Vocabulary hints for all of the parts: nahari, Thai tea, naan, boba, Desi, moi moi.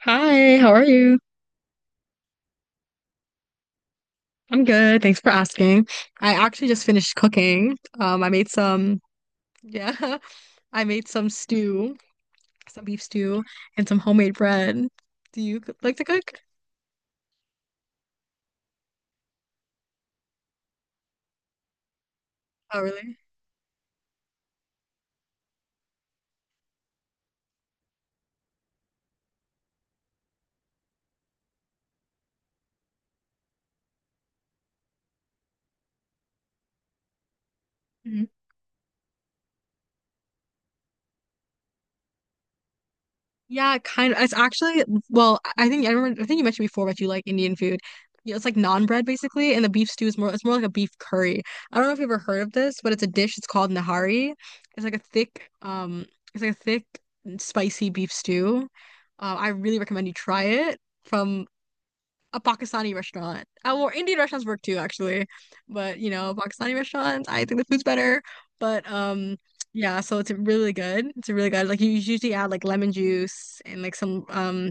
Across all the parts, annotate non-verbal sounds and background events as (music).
Hi, how are you? I'm good. Thanks for asking. I actually just finished cooking. I made yeah, (laughs) I made some stew, some beef stew, and some homemade bread. Do you like to cook? Oh, really? Mm-hmm. Yeah, kind of. I think I remember. I think you mentioned before that you like Indian food. Yeah, it's like naan bread basically, and the beef stew is more. It's more like a beef curry. I don't know if you've ever heard of this, but it's a dish. It's called nahari. It's like a it's like a thick, spicy beef stew. I really recommend you try it from a Pakistani restaurant. Indian restaurants work too, actually. But you know, Pakistani restaurants, I think the food's better. But yeah, so it's really good. It's really good. Like you usually add like lemon juice and like some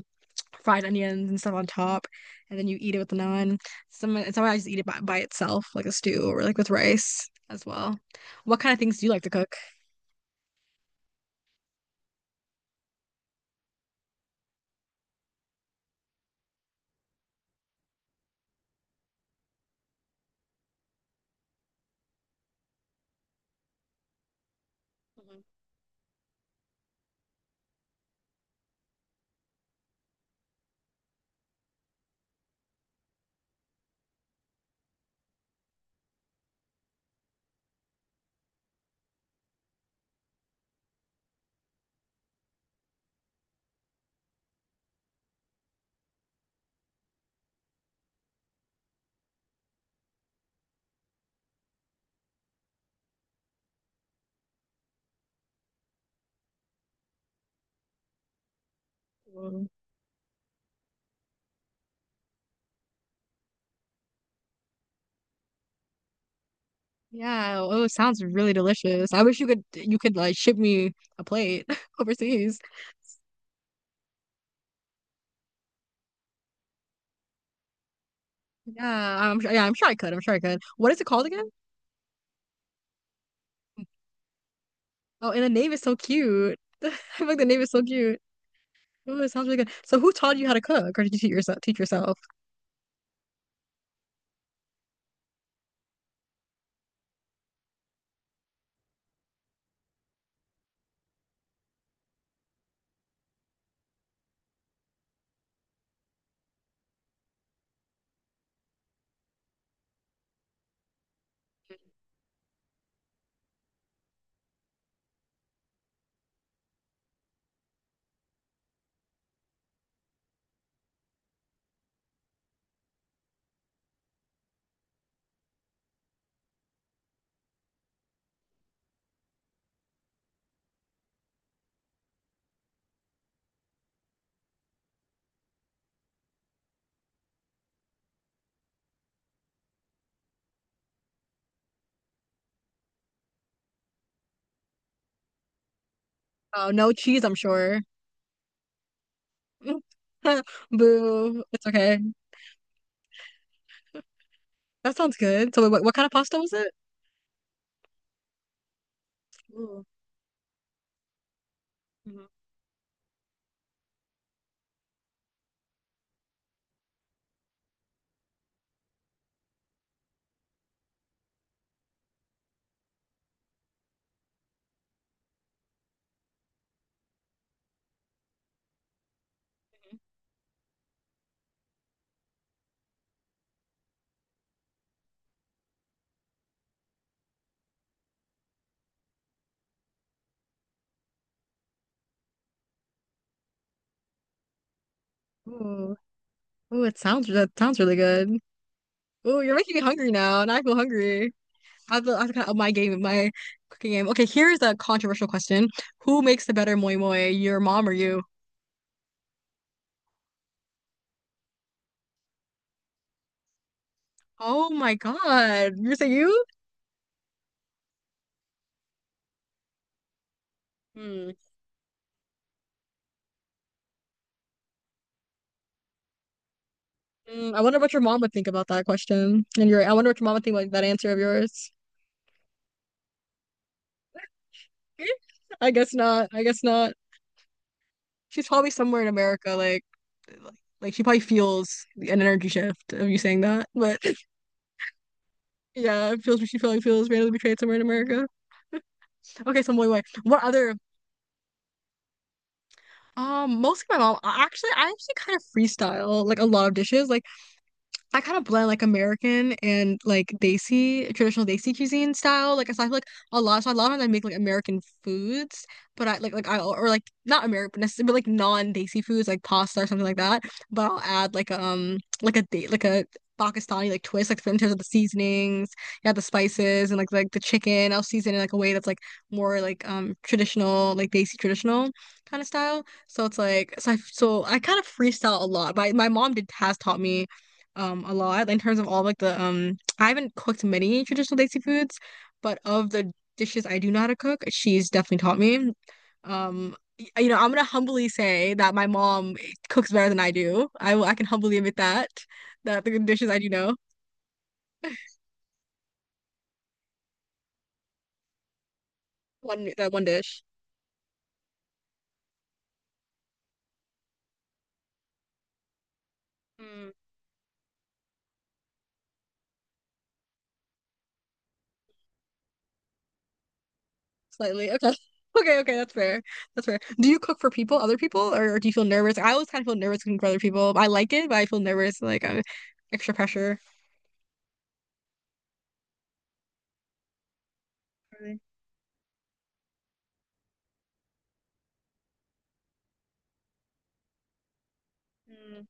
fried onions and stuff on top, and then you eat it with the naan. Some and some I just eat it by itself, like a stew or like with rice as well. What kind of things do you like to cook? Mhm. Yeah, oh, it sounds really delicious. I wish you could like ship me a plate (laughs) overseas. Yeah, I'm sure. Yeah, I'm sure I could. I'm sure I could. What is it called again? Oh, and the name is so cute. (laughs) I feel like the name is so cute. Ooh, it sounds really good. So, who taught you how to cook, or did you teach yourself? Teach yourself? Oh, no cheese, I'm sure. (laughs) Boo. It's okay. That sounds good. So, what kind of pasta was it? Ooh, mhm. Ooh, ooh! It sounds that sounds really good. Ooh, you're making me hungry now, and I feel hungry. I have to kind of up my game, my cooking game. Okay, here's a controversial question: Who makes the better moi moi, your mom or you? Oh my God. You're saying you? Hmm. Hmm, I wonder what your mom would think about that question. And your I wonder what your mom would think about that answer of yours. (laughs) I guess not. I guess not. She's probably somewhere in America, like, like she probably feels an energy shift of you saying that. But (laughs) yeah, it feels she probably feels randomly betrayed somewhere in America. Okay, so wait. What other? Mostly my mom. Actually, I actually kind of freestyle like a lot of dishes. Like. I kind of blend like American and like Desi, traditional Desi cuisine style. Like so I feel like so a lot of times I make like American foods, but I like I or like not American necessarily, but like non-Desi foods like pasta or something like that. But I'll add like a date like a Pakistani like twist like in terms of the seasonings, yeah, the spices and like the chicken. I'll season it like a way that's like more like traditional like Desi traditional kind of style. So it's like I kind of freestyle a lot. My mom did has taught me a lot in terms of all like the I haven't cooked many traditional Desi foods, but of the dishes I do know how to cook, she's definitely taught me. You know, I'm gonna humbly say that my mom cooks better than I do. I can humbly admit that that the dishes I do know, one that one dish. Mm. Slightly. Okay. (laughs) Okay, okay, that's fair. That's fair. Do you cook for people, other people, or do you feel nervous? I always kind of feel nervous cooking for other people. I like it, but I feel nervous, like extra pressure. Really? Mm.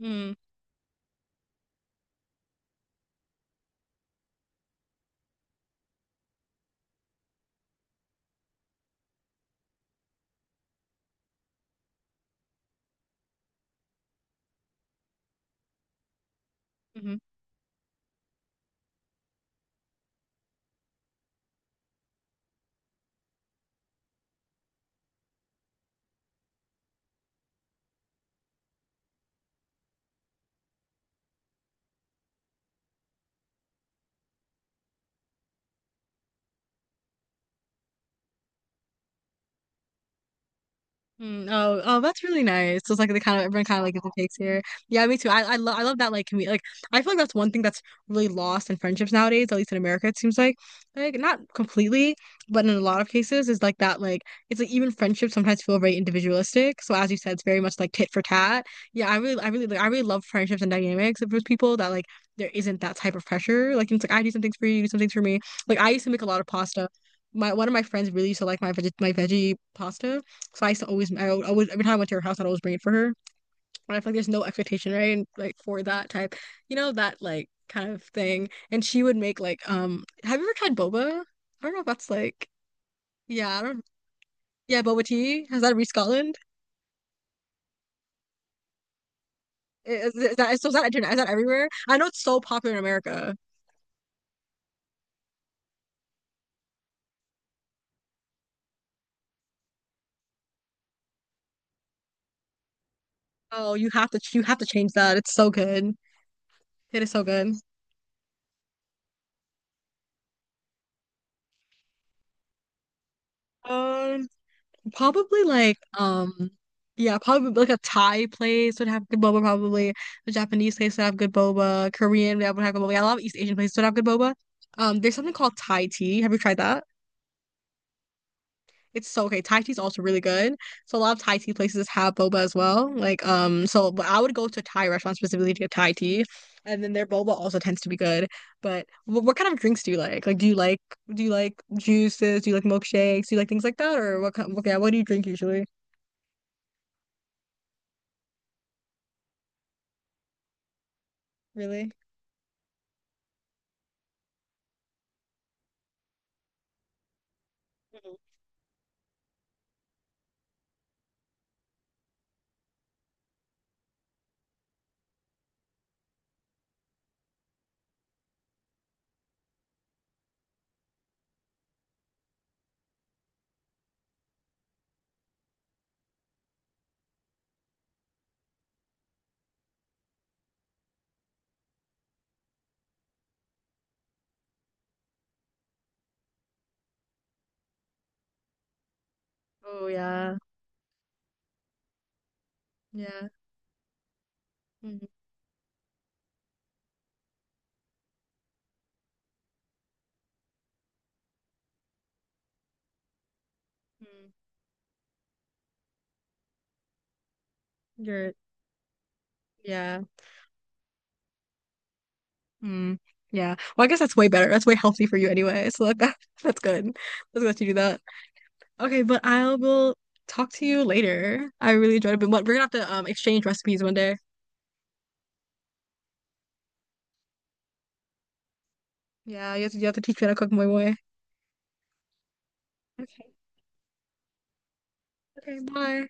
Mm-hmm. Hmm. Oh, oh, that's really nice. So it's like the kind of everyone kind of like gives and takes here. Yeah, me too. I love that like. I feel like that's one thing that's really lost in friendships nowadays, at least in America, it seems like not completely, but in a lot of cases is like that like it's like even friendships sometimes feel very individualistic. So as you said, it's very much like tit for tat. Yeah, I really like, I really love friendships and dynamics with people that like there isn't that type of pressure. Like it's like I do some things for you, you do some things for me. Like I used to make a lot of pasta. My one of my friends really used to like my veggie pasta. So I used to I always, every time I went to her house, I'd always bring it for her. And I feel like there's no expectation, right? And like for that type, you know, that like kind of thing. And she would make have you ever tried boba? I don't know if that's like, yeah, I don't, yeah, boba tea. Has that reached Scotland? Is that internet? Is that everywhere? I know it's so popular in America. Oh, you have to change that. It's so good. It is so good. Um, Probably like yeah, probably like a Thai place would have good boba probably. A Japanese place would have good boba. Korean that would have good boba. Yeah, a lot of East Asian places would have good boba. There's something called Thai tea. Have you tried that? It's so okay. Thai tea is also really good. So a lot of Thai tea places have boba as well. Like but I would go to a Thai restaurant specifically to get Thai tea. And then their boba also tends to be good. But what kind of drinks do you like? Like do you like juices? Do you like milkshakes? Do you like things like that? Or what kind, okay, what do you drink usually? Really? Oh yeah, yeah. Mm-hmm. Mm-hmm. You're yeah. Mm, yeah. Well, I guess that's way better. That's way healthy for you anyway. So like that, (laughs) that's good. Let's let you do that. Okay, but I will talk to you later. I really enjoyed it, but we're gonna have to exchange recipes one day. Yeah, you have to teach me how to cook moi moi. Okay. Okay, bye.